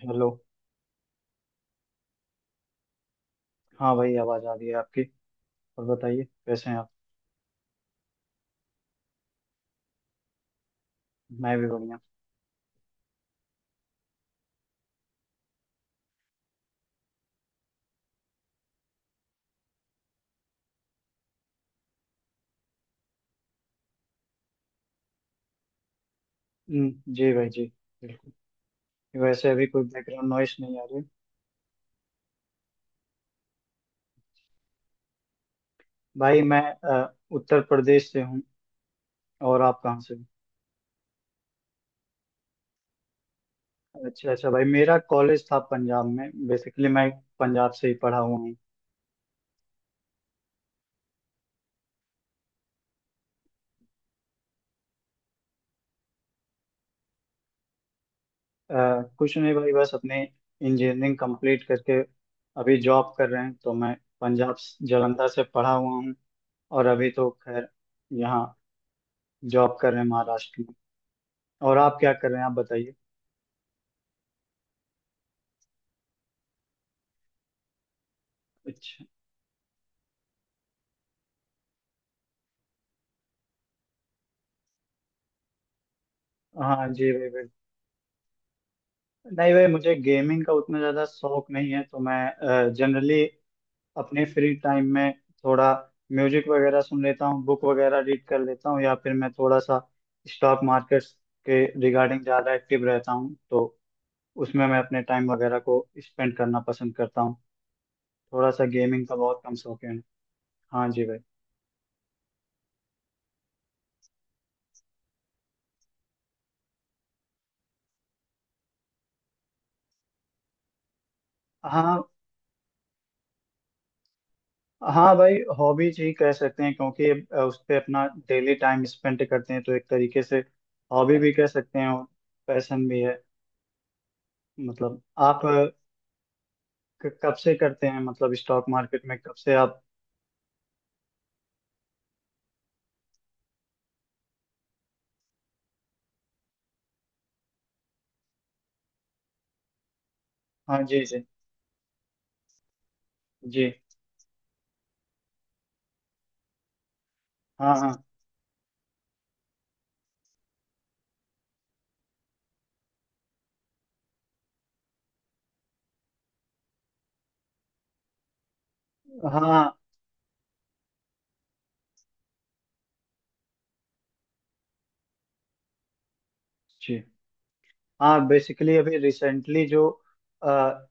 Hello. हाँ भाई आवाज़ आ रही है आपकी। और बताइए कैसे हैं आप। मैं भी बढ़िया। जी भाई जी। बिल्कुल। वैसे अभी कोई बैकग्राउंड नॉइस नहीं आ रही। भाई मैं उत्तर प्रदेश से हूँ। और आप कहाँ से हो। अच्छा अच्छा भाई, मेरा कॉलेज था पंजाब में, बेसिकली मैं पंजाब से ही पढ़ा हुआ हूँ। कुछ नहीं भाई, बस अपने इंजीनियरिंग कंप्लीट करके अभी जॉब कर रहे हैं। तो मैं जालंधर से पढ़ा हुआ हूँ। और अभी तो खैर यहाँ जॉब कर रहे हैं महाराष्ट्र। और आप क्या कर रहे हैं, आप बताइए। अच्छा। हाँ जी भाई भाई। नहीं भाई, मुझे गेमिंग का उतना ज़्यादा शौक नहीं है, तो मैं जनरली अपने फ्री टाइम में थोड़ा म्यूजिक वगैरह सुन लेता हूँ, बुक वगैरह रीड कर लेता हूँ। या फिर मैं थोड़ा सा स्टॉक मार्केट्स के रिगार्डिंग ज़्यादा एक्टिव रहता हूँ, तो उसमें मैं अपने टाइम वगैरह को स्पेंड करना पसंद करता हूँ। थोड़ा सा गेमिंग का बहुत कम शौक है। हाँ जी भाई। हाँ हाँ भाई, हॉबीज ही कह सकते हैं, क्योंकि उस पे अपना डेली टाइम स्पेंड करते हैं, तो एक तरीके से हॉबी भी कह सकते हैं और पैशन भी है। मतलब आप कब से करते हैं, मतलब स्टॉक मार्केट में कब से आप। हाँ जी जी जी। हाँ हाँ। हाँ जी। हाँ, बेसिकली अभी रिसेंटली जो अ,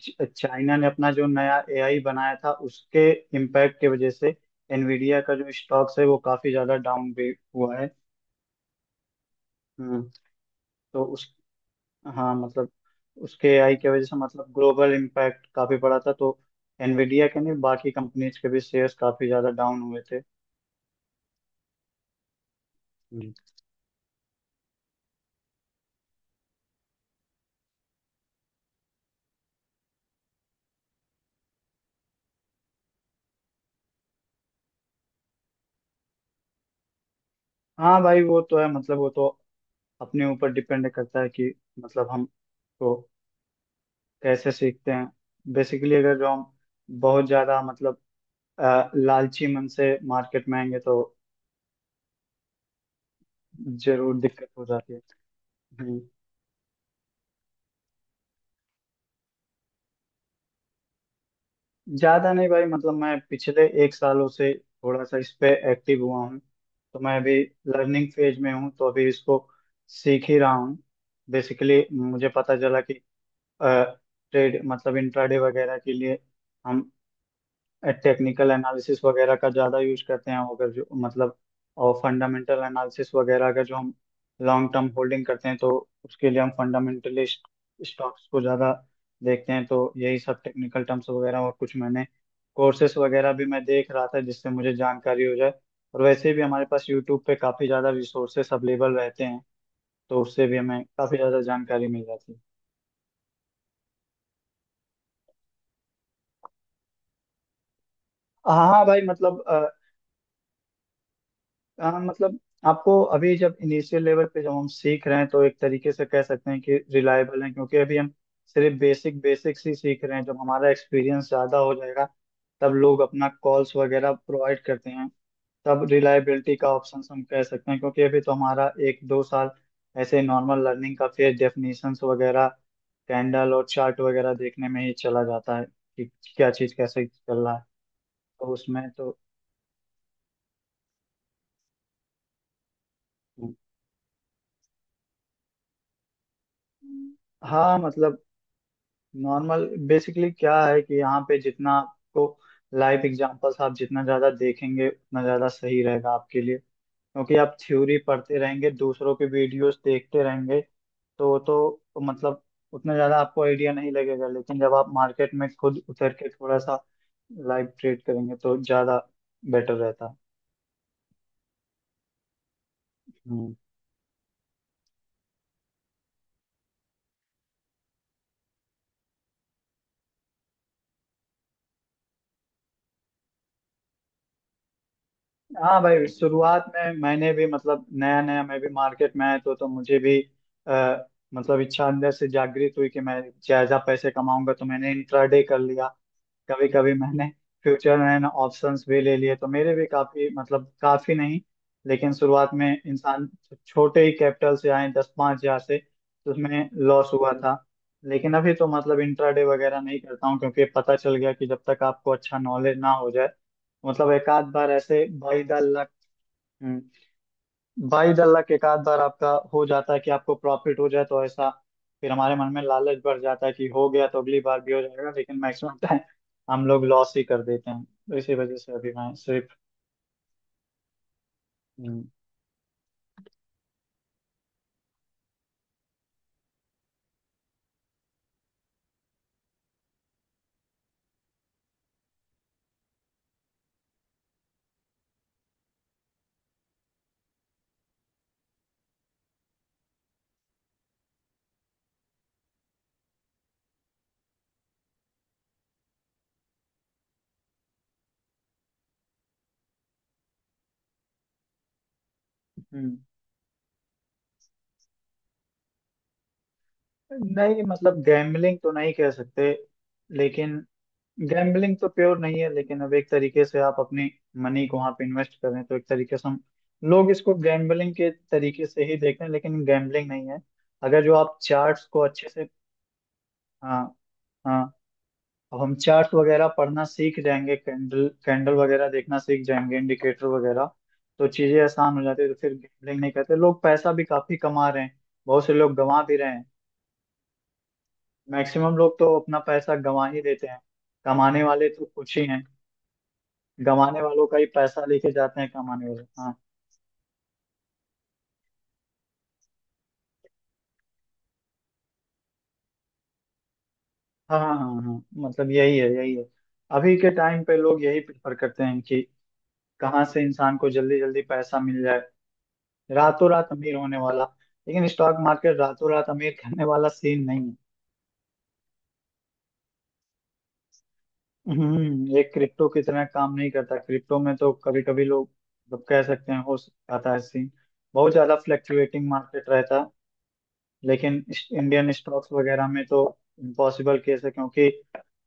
चाइना ने अपना जो नया एआई बनाया था, उसके इम्पैक्ट की वजह से एनवीडिया का जो स्टॉक्स है वो काफी ज्यादा डाउन भी हुआ है। हम्म। तो उस हाँ मतलब उसके आई की वजह से मतलब ग्लोबल इम्पैक्ट काफी बड़ा था, तो एनवीडिया के नहीं बाकी कंपनीज के भी शेयर्स काफी ज्यादा डाउन हुए थे। हम्म। हाँ भाई वो तो है, मतलब वो तो अपने ऊपर डिपेंड करता है कि मतलब हम तो कैसे सीखते हैं। बेसिकली अगर जो हम बहुत ज्यादा मतलब लालची मन से मार्केट में आएंगे तो जरूर दिक्कत हो जाती है। हम्म। ज्यादा नहीं भाई, मतलब मैं पिछले एक सालों से थोड़ा सा इस पे एक्टिव हुआ हूँ, तो मैं अभी लर्निंग फेज में हूँ, तो अभी इसको सीख ही रहा हूँ। बेसिकली मुझे पता चला कि ट्रेड मतलब इंट्राडे वगैरह के लिए हम टेक्निकल एनालिसिस वगैरह का ज़्यादा यूज करते हैं, अगर जो मतलब। और फंडामेंटल एनालिसिस वगैरह अगर जो हम लॉन्ग टर्म होल्डिंग करते हैं तो उसके लिए हम फंडामेंटली स्टॉक्स को ज़्यादा देखते हैं। तो यही सब टेक्निकल टर्म्स वगैरह, और कुछ मैंने कोर्सेस वगैरह भी मैं देख रहा था जिससे मुझे जानकारी हो जाए। और वैसे भी हमारे पास यूट्यूब पे काफ़ी ज़्यादा रिसोर्सेस अवेलेबल रहते हैं, तो उससे भी हमें काफ़ी ज़्यादा जानकारी मिल जाती है। हाँ हाँ भाई, मतलब। हाँ मतलब आपको अभी जब इनिशियल लेवल पे जब हम सीख रहे हैं तो एक तरीके से कह सकते हैं कि रिलायबल है, क्योंकि अभी हम सिर्फ बेसिक बेसिक्स ही सीख रहे हैं। जब हमारा एक्सपीरियंस ज़्यादा हो जाएगा तब लोग अपना कॉल्स वगैरह प्रोवाइड करते हैं, तब रिलायबिलिटी का ऑप्शन हम कह सकते हैं, क्योंकि अभी तो हमारा एक दो साल ऐसे नॉर्मल लर्निंग का फिर डेफिनेशंस वगैरह, कैंडल और चार्ट वगैरह देखने में ही चला जाता है कि क्या चीज़ कैसे चल रहा है। तो उसमें तो हाँ मतलब नॉर्मल बेसिकली क्या है कि यहाँ पे जितना आपको लाइव एग्जांपल्स आप जितना ज़्यादा देखेंगे उतना ज़्यादा सही रहेगा आपके लिए, क्योंकि आप थ्योरी पढ़ते रहेंगे दूसरों के वीडियोस देखते रहेंगे तो मतलब उतना ज़्यादा आपको आइडिया नहीं लगेगा, लेकिन जब आप मार्केट में खुद उतर के थोड़ा सा लाइव ट्रेड करेंगे तो ज़्यादा बेटर रहता है। हाँ भाई, शुरुआत में मैंने भी मतलब नया नया मैं भी मार्केट में आया तो मुझे भी आ, मतलब इच्छा अंदर से जागृत हुई कि मैं ज्यादा पैसे कमाऊंगा, तो मैंने इंट्राडे कर लिया। कभी कभी मैंने फ्यूचर एंड ऑप्शंस भी ले लिए, तो मेरे भी काफी मतलब काफी नहीं, लेकिन शुरुआत में इंसान छोटे ही कैपिटल से आए दस पाँच हजार से, तो उसमें लॉस हुआ था। लेकिन अभी तो मतलब इंट्राडे वगैरह नहीं करता हूँ, क्योंकि पता चल गया कि जब तक आपको अच्छा नॉलेज ना हो जाए, मतलब एक आध बार ऐसे बाई द लक भाई अल्लाह के एक आध बार आपका हो जाता है कि आपको प्रॉफिट हो जाए, तो ऐसा फिर हमारे मन में लालच बढ़ जाता है कि हो गया तो अगली बार भी हो जाएगा, लेकिन मैक्सिमम टाइम हम लोग लॉस ही कर देते हैं, तो इसी वजह से अभी मैं सिर्फ। हम्म, हम्म। नहीं मतलब गैम्बलिंग तो नहीं कह सकते, लेकिन गैम्बलिंग तो प्योर नहीं है, लेकिन अब एक तरीके से आप अपने मनी को वहां पे इन्वेस्ट करें तो एक तरीके से हम लोग इसको गैम्बलिंग के तरीके से ही देखते हैं, लेकिन गैम्बलिंग नहीं है अगर जो आप चार्ट्स को अच्छे से। हाँ हाँ, अब हम चार्ट वगैरह पढ़ना सीख जाएंगे, कैंडल कैंडल वगैरह देखना सीख जाएंगे, इंडिकेटर वगैरह, तो चीजें आसान हो जाती है, तो फिर गैम्बलिंग नहीं करते, लोग पैसा भी काफी कमा रहे हैं। बहुत से लोग गंवा भी रहे हैं, मैक्सिमम लोग तो अपना पैसा गंवा ही देते हैं। कमाने वाले तो कुछ ही हैं, गंवाने वालों का ही पैसा लेके जाते हैं कमाने वाले, हाँ। हाँ हाँ हाँ हाँ, मतलब यही है, यही है। अभी के टाइम पे लोग यही प्रेफर करते हैं कि कहाँ से इंसान को जल्दी जल्दी पैसा मिल जाए, रातों रात अमीर होने वाला। लेकिन स्टॉक मार्केट रातों रात अमीर करने वाला सीन नहीं है। ये क्रिप्टो की तरह काम नहीं करता, क्रिप्टो में तो कभी कभी लोग मतलब कह सकते हैं हो जाता है सीन, बहुत ज्यादा फ्लक्चुएटिंग मार्केट रहता है। लेकिन इंडियन स्टॉक्स वगैरह में तो इम्पॉसिबल केस है, क्योंकि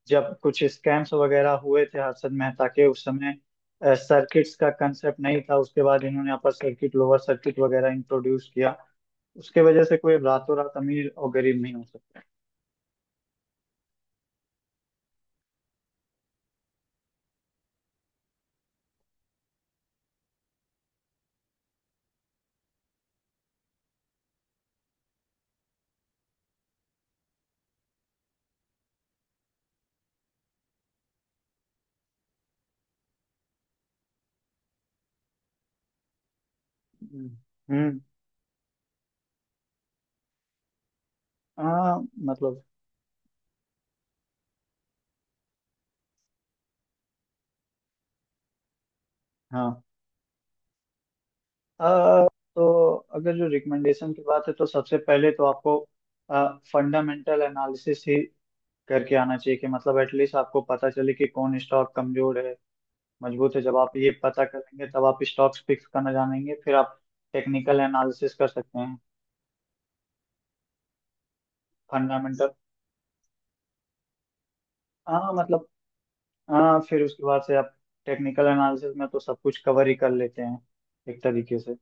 जब कुछ स्कैम्स वगैरह हुए थे हर्षद मेहता के, उस समय सर्किट्स का कंसेप्ट नहीं था। उसके बाद इन्होंने अपर सर्किट लोअर सर्किट वगैरह इंट्रोड्यूस किया, उसके वजह से कोई रातों रात अमीर और गरीब नहीं हो सकता। हम्म, हम्म। आ, मतलब हाँ, आ, तो अगर जो रिकमेंडेशन की बात है तो सबसे पहले तो आपको फंडामेंटल एनालिसिस ही करके आना चाहिए कि मतलब एटलीस्ट आपको पता चले कि कौन स्टॉक कमजोर है, मजबूत है। जब आप ये पता करेंगे तब आप स्टॉक्स पिक्स करना जानेंगे, फिर आप टेक्निकल एनालिसिस कर सकते हैं। फंडामेंटल हाँ मतलब हाँ, फिर उसके बाद से आप टेक्निकल एनालिसिस में तो सब कुछ कवर ही कर लेते हैं एक तरीके से।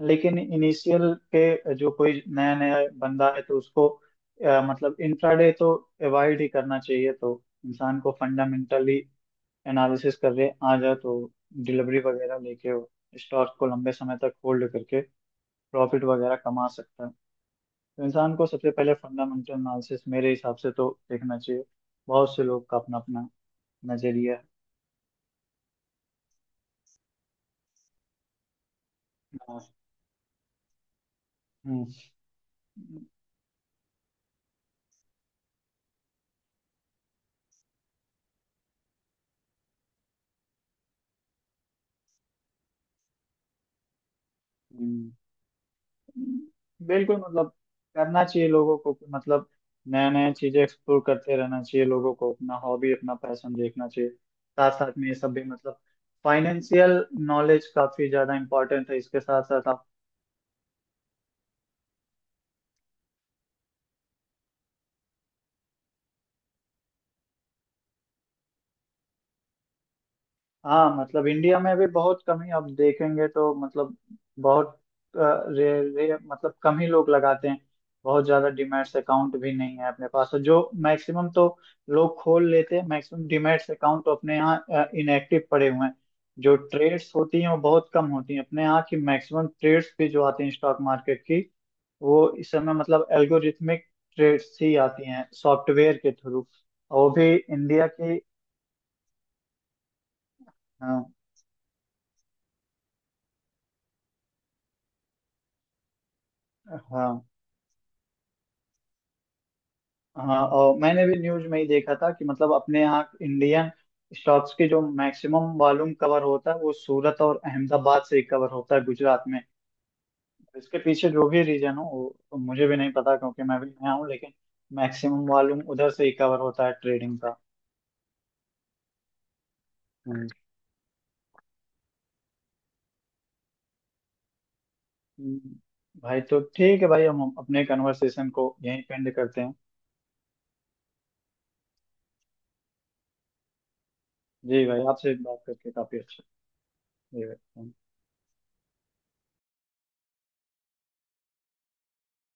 लेकिन इनिशियल पे जो कोई नया नया बंदा है तो उसको मतलब इंट्राडे तो अवॉइड ही करना चाहिए, तो इंसान को फंडामेंटली एनालिसिस कर रहे आ जाए तो डिलीवरी वगैरह लेके वो स्टॉक को लंबे समय तक होल्ड करके प्रॉफिट वगैरह कमा सकता है। तो इंसान को सबसे पहले फंडामेंटल एनालिसिस मेरे हिसाब से तो देखना चाहिए। बहुत से लोग का अपना अपना नजरिया है। हम्म हम्म। बिल्कुल, मतलब करना चाहिए लोगों को कि मतलब नया नया चीजें एक्सप्लोर करते रहना चाहिए लोगों को, अपना हॉबी अपना पैशन देखना चाहिए, साथ साथ में ये सब भी, मतलब फाइनेंशियल नॉलेज काफी ज्यादा इम्पोर्टेंट है इसके साथ साथ। हाँ मतलब इंडिया में भी बहुत कम ही आप देखेंगे, तो मतलब बहुत अ, रे, रे, मतलब कम ही लोग लगाते हैं। बहुत ज्यादा डीमैट्स अकाउंट भी नहीं है अपने पास, और जो मैक्सिमम तो लोग खोल लेते हैं मैक्सिमम डीमैट्स अकाउंट तो अपने यहाँ इनएक्टिव पड़े हुए हैं। जो ट्रेड्स होती हैं वो बहुत कम होती हैं अपने यहाँ की। मैक्सिमम ट्रेड्स भी जो आती हैं स्टॉक मार्केट की वो इस समय मतलब एल्गोरिथमिक ट्रेड्स ही आती हैं सॉफ्टवेयर के थ्रू, और वो भी इंडिया की। हाँ हाँ हाँ, और मैंने भी न्यूज में ही देखा था कि मतलब अपने यहाँ इंडियन स्टॉक्स के जो मैक्सिमम वॉल्यूम कवर होता है वो सूरत और अहमदाबाद से ही कवर होता है गुजरात में। इसके पीछे जो भी रीजन हो वो तो मुझे भी नहीं पता, क्योंकि मैं भी नया हूँ, लेकिन मैक्सिमम वॉल्यूम उधर से ही कवर होता है ट्रेडिंग का। हम्म। हम्म, भाई तो ठीक है भाई, हम अपने कन्वर्सेशन को यहीं पेंड करते हैं। जी भाई, आपसे बात करके काफी अच्छा, जी भाई।